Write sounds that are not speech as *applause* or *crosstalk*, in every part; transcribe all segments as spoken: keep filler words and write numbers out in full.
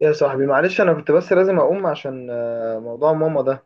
يا صاحبي، معلش، انا كنت بس لازم اقوم عشان آه، موضوع ماما ده.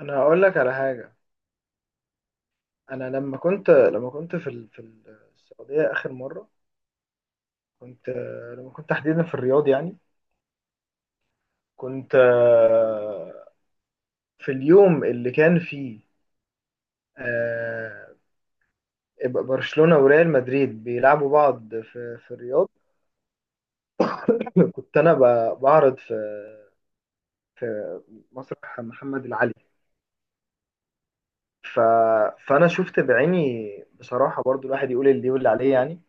انا هقول لك على حاجه. انا لما كنت لما كنت في ال- في السعوديه اخر مره. كنت آه، لما كنت تحديدا في الرياض يعني. كنت آه، في اليوم اللي كان فيه آه، برشلونه وريال مدريد بيلعبوا بعض في في الرياض. *laughs* كنت انا ب- بعرض في في مسرح محمد العلي. ف... فانا شفت بعيني. بصراحه برضو الواحد يقول اللي يقول اللي عليه يعني.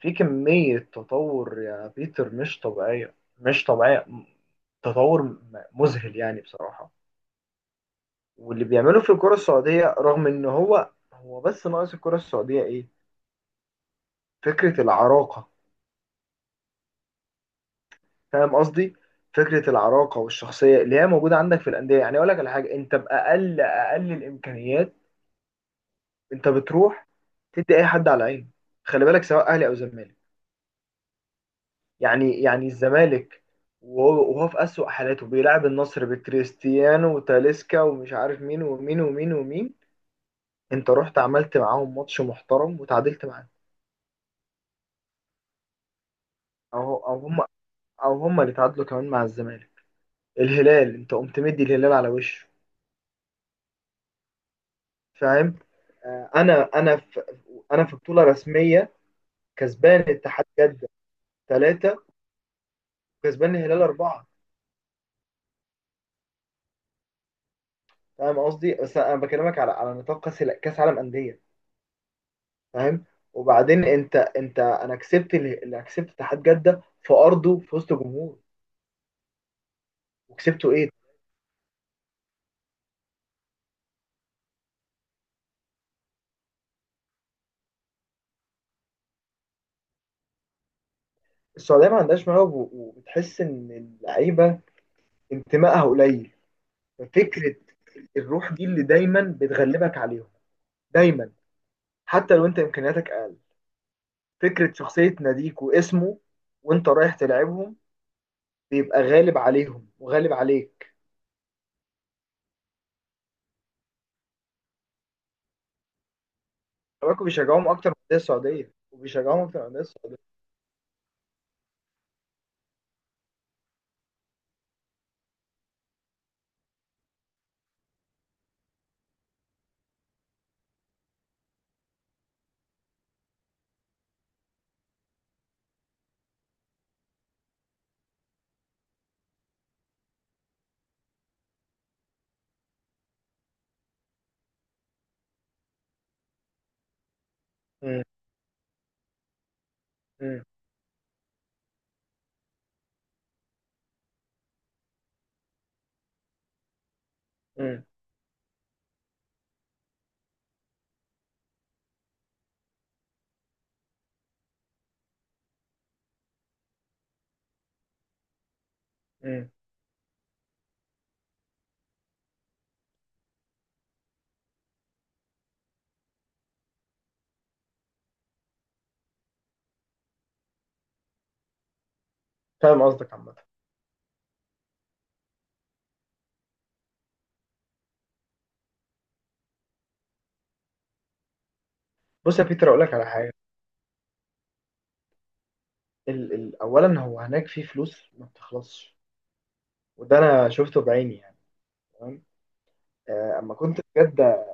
في كمية تطور يا بيتر، مش طبيعية، مش طبيعية، م- تطور م- مذهل يعني بصراحة. واللي بيعمله في الكرة السعودية رغم إن هو هو بس ناقص الكرة السعودية إيه؟ فكرة العراقة. فاهم قصدي؟ فكرة العراقة والشخصية اللي هي موجودة عندك في الأندية. يعني أقول لك على حاجة، أنت بأقل أقل الإمكانيات أنت بتروح تدي أي حد على عينه. خلي بالك، سواء أهلي أو زمالك. يعني يعني الزمالك وهو وهو في أسوأ حالاته بيلعب النصر بكريستيانو وتاليسكا ومش عارف مين ومين ومين ومين، انت رحت عملت معاهم ماتش محترم وتعادلت معاهم. او او هم، او هم اللي تعادلوا كمان مع الزمالك. الهلال انت قمت مدي الهلال على وشه. فاهم؟ آه، انا انا في، انا في بطولة رسمية كسبان اتحاد جدة ثلاثة وكسبان الهلال أربعة. فاهم قصدي؟ بس انا بكلمك على على نطاق كاس كاس عالم أندية. فاهم؟ وبعدين انت انت انا كسبت ال- اللي كسبت اتحاد جده في ارضه في وسط جمهور وكسبته ايه. السعوديه ما عندهاش مواهب، و- وبتحس ان اللعيبه انتمائها قليل. ففكره الروح دي اللي دايما بتغلبك عليهم دايما، حتى لو انت امكانياتك اقل. فكره شخصيه ناديك واسمه، وانت رايح تلعبهم بيبقى غالب عليهم وغالب عليك. كمان بيشجعوهم اكتر من الانديه السعوديه وبيشجعوهم اكتر من الانديه السعوديه. مم. مم. مم. مم. فاهم قصدك عامه. بص يا بيتر، اقول لك على حاجه. ال ال اولا، هو هناك في فلوس ما بتخلصش، وده انا شفته بعيني يعني. تمام؟ آه، اما كنت في جده،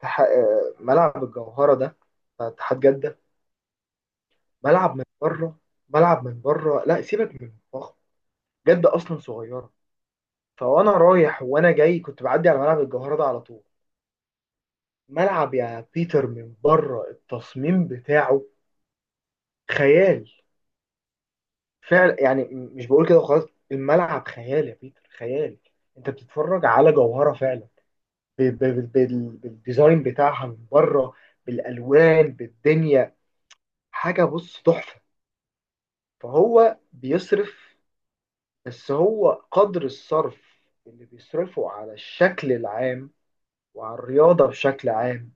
تح... آه، ملعب الجوهره ده بتاع اتحاد جده، ملعب من بره. ملعب من بره، لا سيبك من الضخم، جده اصلا صغيره، فوانا رايح وانا جاي كنت بعدي على ملعب الجوهره ده على طول. ملعب يا بيتر من بره التصميم بتاعه خيال. فعلا يعني، م- مش بقول كده وخلاص، الملعب خيال يا بيتر، خيال. انت بتتفرج على جوهرة فعلا، ب- ب- ب- بال- بالديزاين بتاعها من بره، بالالوان بالدنيا. حاجة بص تحفة. فهو بيصرف، بس هو قدر الصرف اللي بيصرفه على الشكل العام وعلى الرياضة بشكل عام،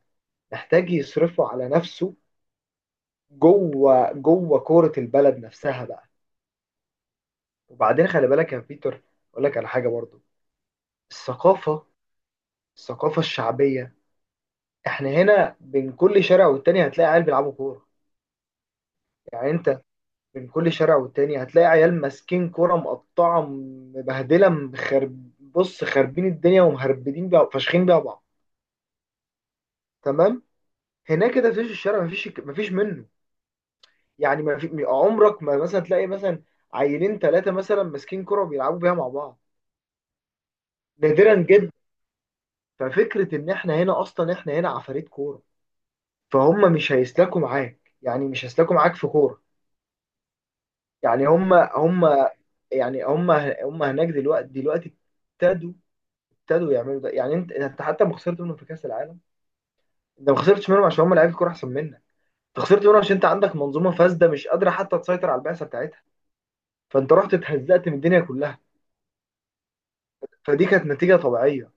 محتاج يصرفه على نفسه، جوه جوه كورة البلد نفسها بقى. وبعدين خلي بالك يا بيتر، اقول لك على حاجة برضو. الثقافة، الثقافة الشعبية، احنا هنا بين كل شارع والتاني هتلاقي عيال بيلعبوا كورة. يعني انت بين كل شارع والتاني هتلاقي عيال ماسكين كورة مقطعة مبهدلة مخرب بص خاربين الدنيا ومهربدين بيها فاشخين بيها بعض. تمام؟ هناك كده فيش الشارع، مفيش مفيش منه. يعني ما في عمرك ما مثلا تلاقي مثلا عيلين ثلاثة مثلا ماسكين كورة وبيلعبوا بيها مع بعض، نادرا جدا. ففكرة ان احنا هنا اصلا، احنا هنا عفاريت كورة، فهم مش هيسلكوا معاك، يعني مش هيسلكوا معاك في كورة. يعني هم هم، يعني هم هم هناك دلوقتي، دلوقتي ابتدوا ابتدوا يعملوا ده. يعني انت انت حتى ما خسرت منهم في كاس العالم، انت ما خسرتش منهم عشان هم لعيبه كوره احسن منك، انت خسرت منهم عشان انت عندك منظومه فاسده مش قادره حتى تسيطر على البعثه بتاعتها. فانت رحت اتهزقت من الدنيا كلها. فدي كانت نتيجه طبيعيه.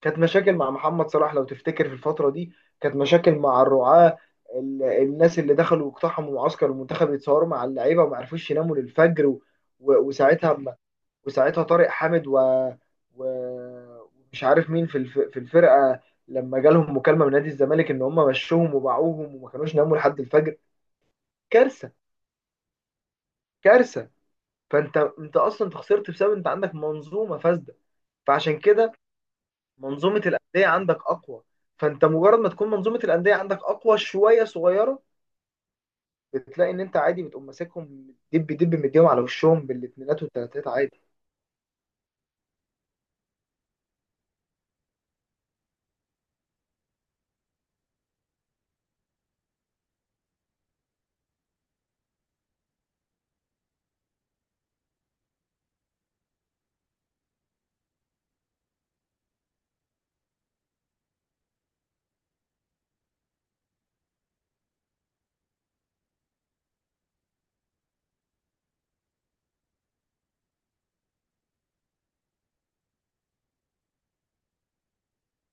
كانت مشاكل مع محمد صلاح لو تفتكر في الفتره دي، كانت مشاكل مع الرعاه، ال- الناس اللي دخلوا واقتحموا معسكر المنتخب يتصوروا مع اللعيبه وما عرفوش يناموا للفجر و... و- وساعتها، وساعتها طارق حامد و... و... ومش عارف مين في الف... في الفرقه، لما جالهم مكالمه من نادي الزمالك ان هم مشوهم وباعوهم، وما كانوش ناموا لحد الفجر. كارثه. كارثه. فانت انت اصلا انت خسرت بسبب انت عندك منظومه فاسده. فعشان كده منظومه الانديه عندك اقوى، فانت مجرد ما تكون منظومه الانديه عندك اقوى شويه صغيره، بتلاقي ان انت عادي بتقوم ماسكهم دب دب، مديهم على وشهم بالاثنينات والثلاثات عادي.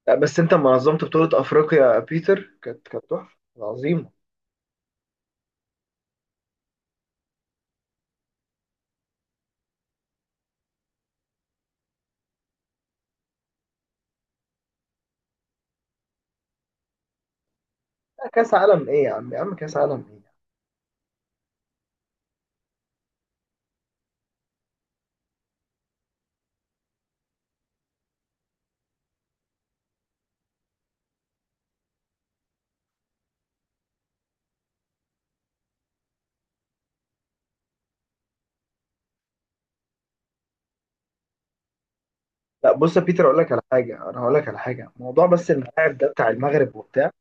لا، بس انت لما نظمت بطوله افريقيا يا بيتر كانت كانت تحفه عظيمه. لا، كاس عالم ايه يا عم، يا عم كاس عالم ايه. لا، بص يا بيتر، اقول لك على حاجه. انا هقول لك على حاجه، موضوع بس الملاعب ده بتاع المغرب وبتاع،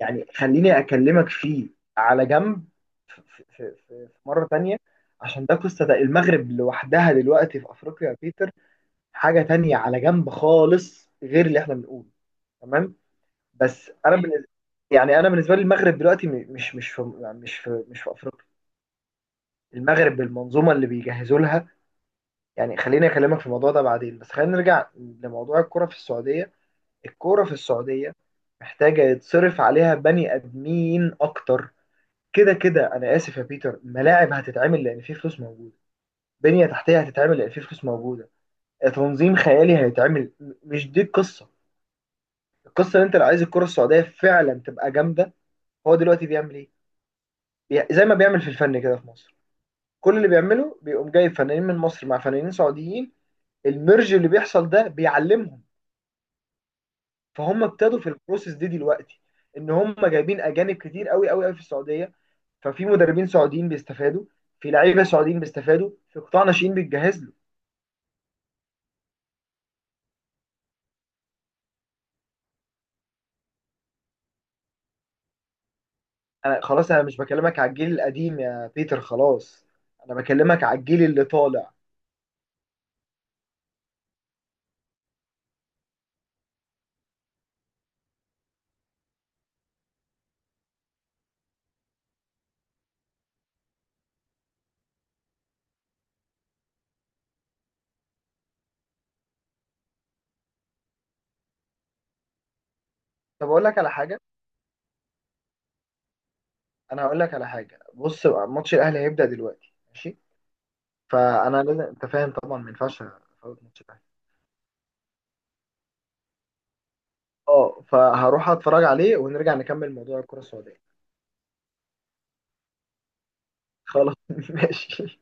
يعني خليني اكلمك فيه على جنب في, في, في, في مره تانية، عشان ده قصه، ده المغرب لوحدها دلوقتي في افريقيا يا بيتر، حاجه تانية على جنب خالص غير اللي احنا بنقوله. تمام؟ بس انا بالنسبة، يعني انا بالنسبه لي المغرب دلوقتي م- مش مش في، يعني مش في مش في افريقيا، المغرب بالمنظومه اللي بيجهزوا لها. يعني خليني اكلمك في الموضوع ده بعدين، بس خلينا نرجع لموضوع الكرة في السعودية. الكرة في السعودية محتاجة يتصرف عليها بني ادمين اكتر. كده كده انا اسف يا بيتر، ملاعب هتتعمل لان في فلوس موجودة، بنية تحتية هتتعمل لان في فلوس موجودة، تنظيم خيالي هيتعمل، م- مش دي القصة. القصة ان انت لو عايز الكرة السعودية فعلا تبقى جامدة، هو دلوقتي بيعمل ايه؟ بي- زي ما بيعمل في الفن كده في مصر، كل اللي بيعمله بيقوم جايب فنانين من مصر مع فنانين سعوديين، الميرج اللي بيحصل ده بيعلمهم. فهم ابتدوا في البروسيس دي دلوقتي، ان هم جايبين اجانب كتير قوي قوي قوي في السعوديه، ففي مدربين سعوديين بيستفادوا، في لعيبه سعوديين بيستفادوا، في قطاع ناشئين بيتجهز له. انا خلاص، انا مش بكلمك على الجيل القديم يا بيتر، خلاص. انا بكلمك على الجيل اللي طالع. طب اقول لك على حاجه، انا هقول لك على حاجه. بص بقى، ماتش الاهلي هيبدا دلوقتي، ماشي، فانا لازم، انت فاهم طبعا ما ينفعش افوت ماتش الاهلي. اه، فهروح اتفرج عليه ونرجع نكمل موضوع الكره السعوديه. خلاص *laughs* ماشي.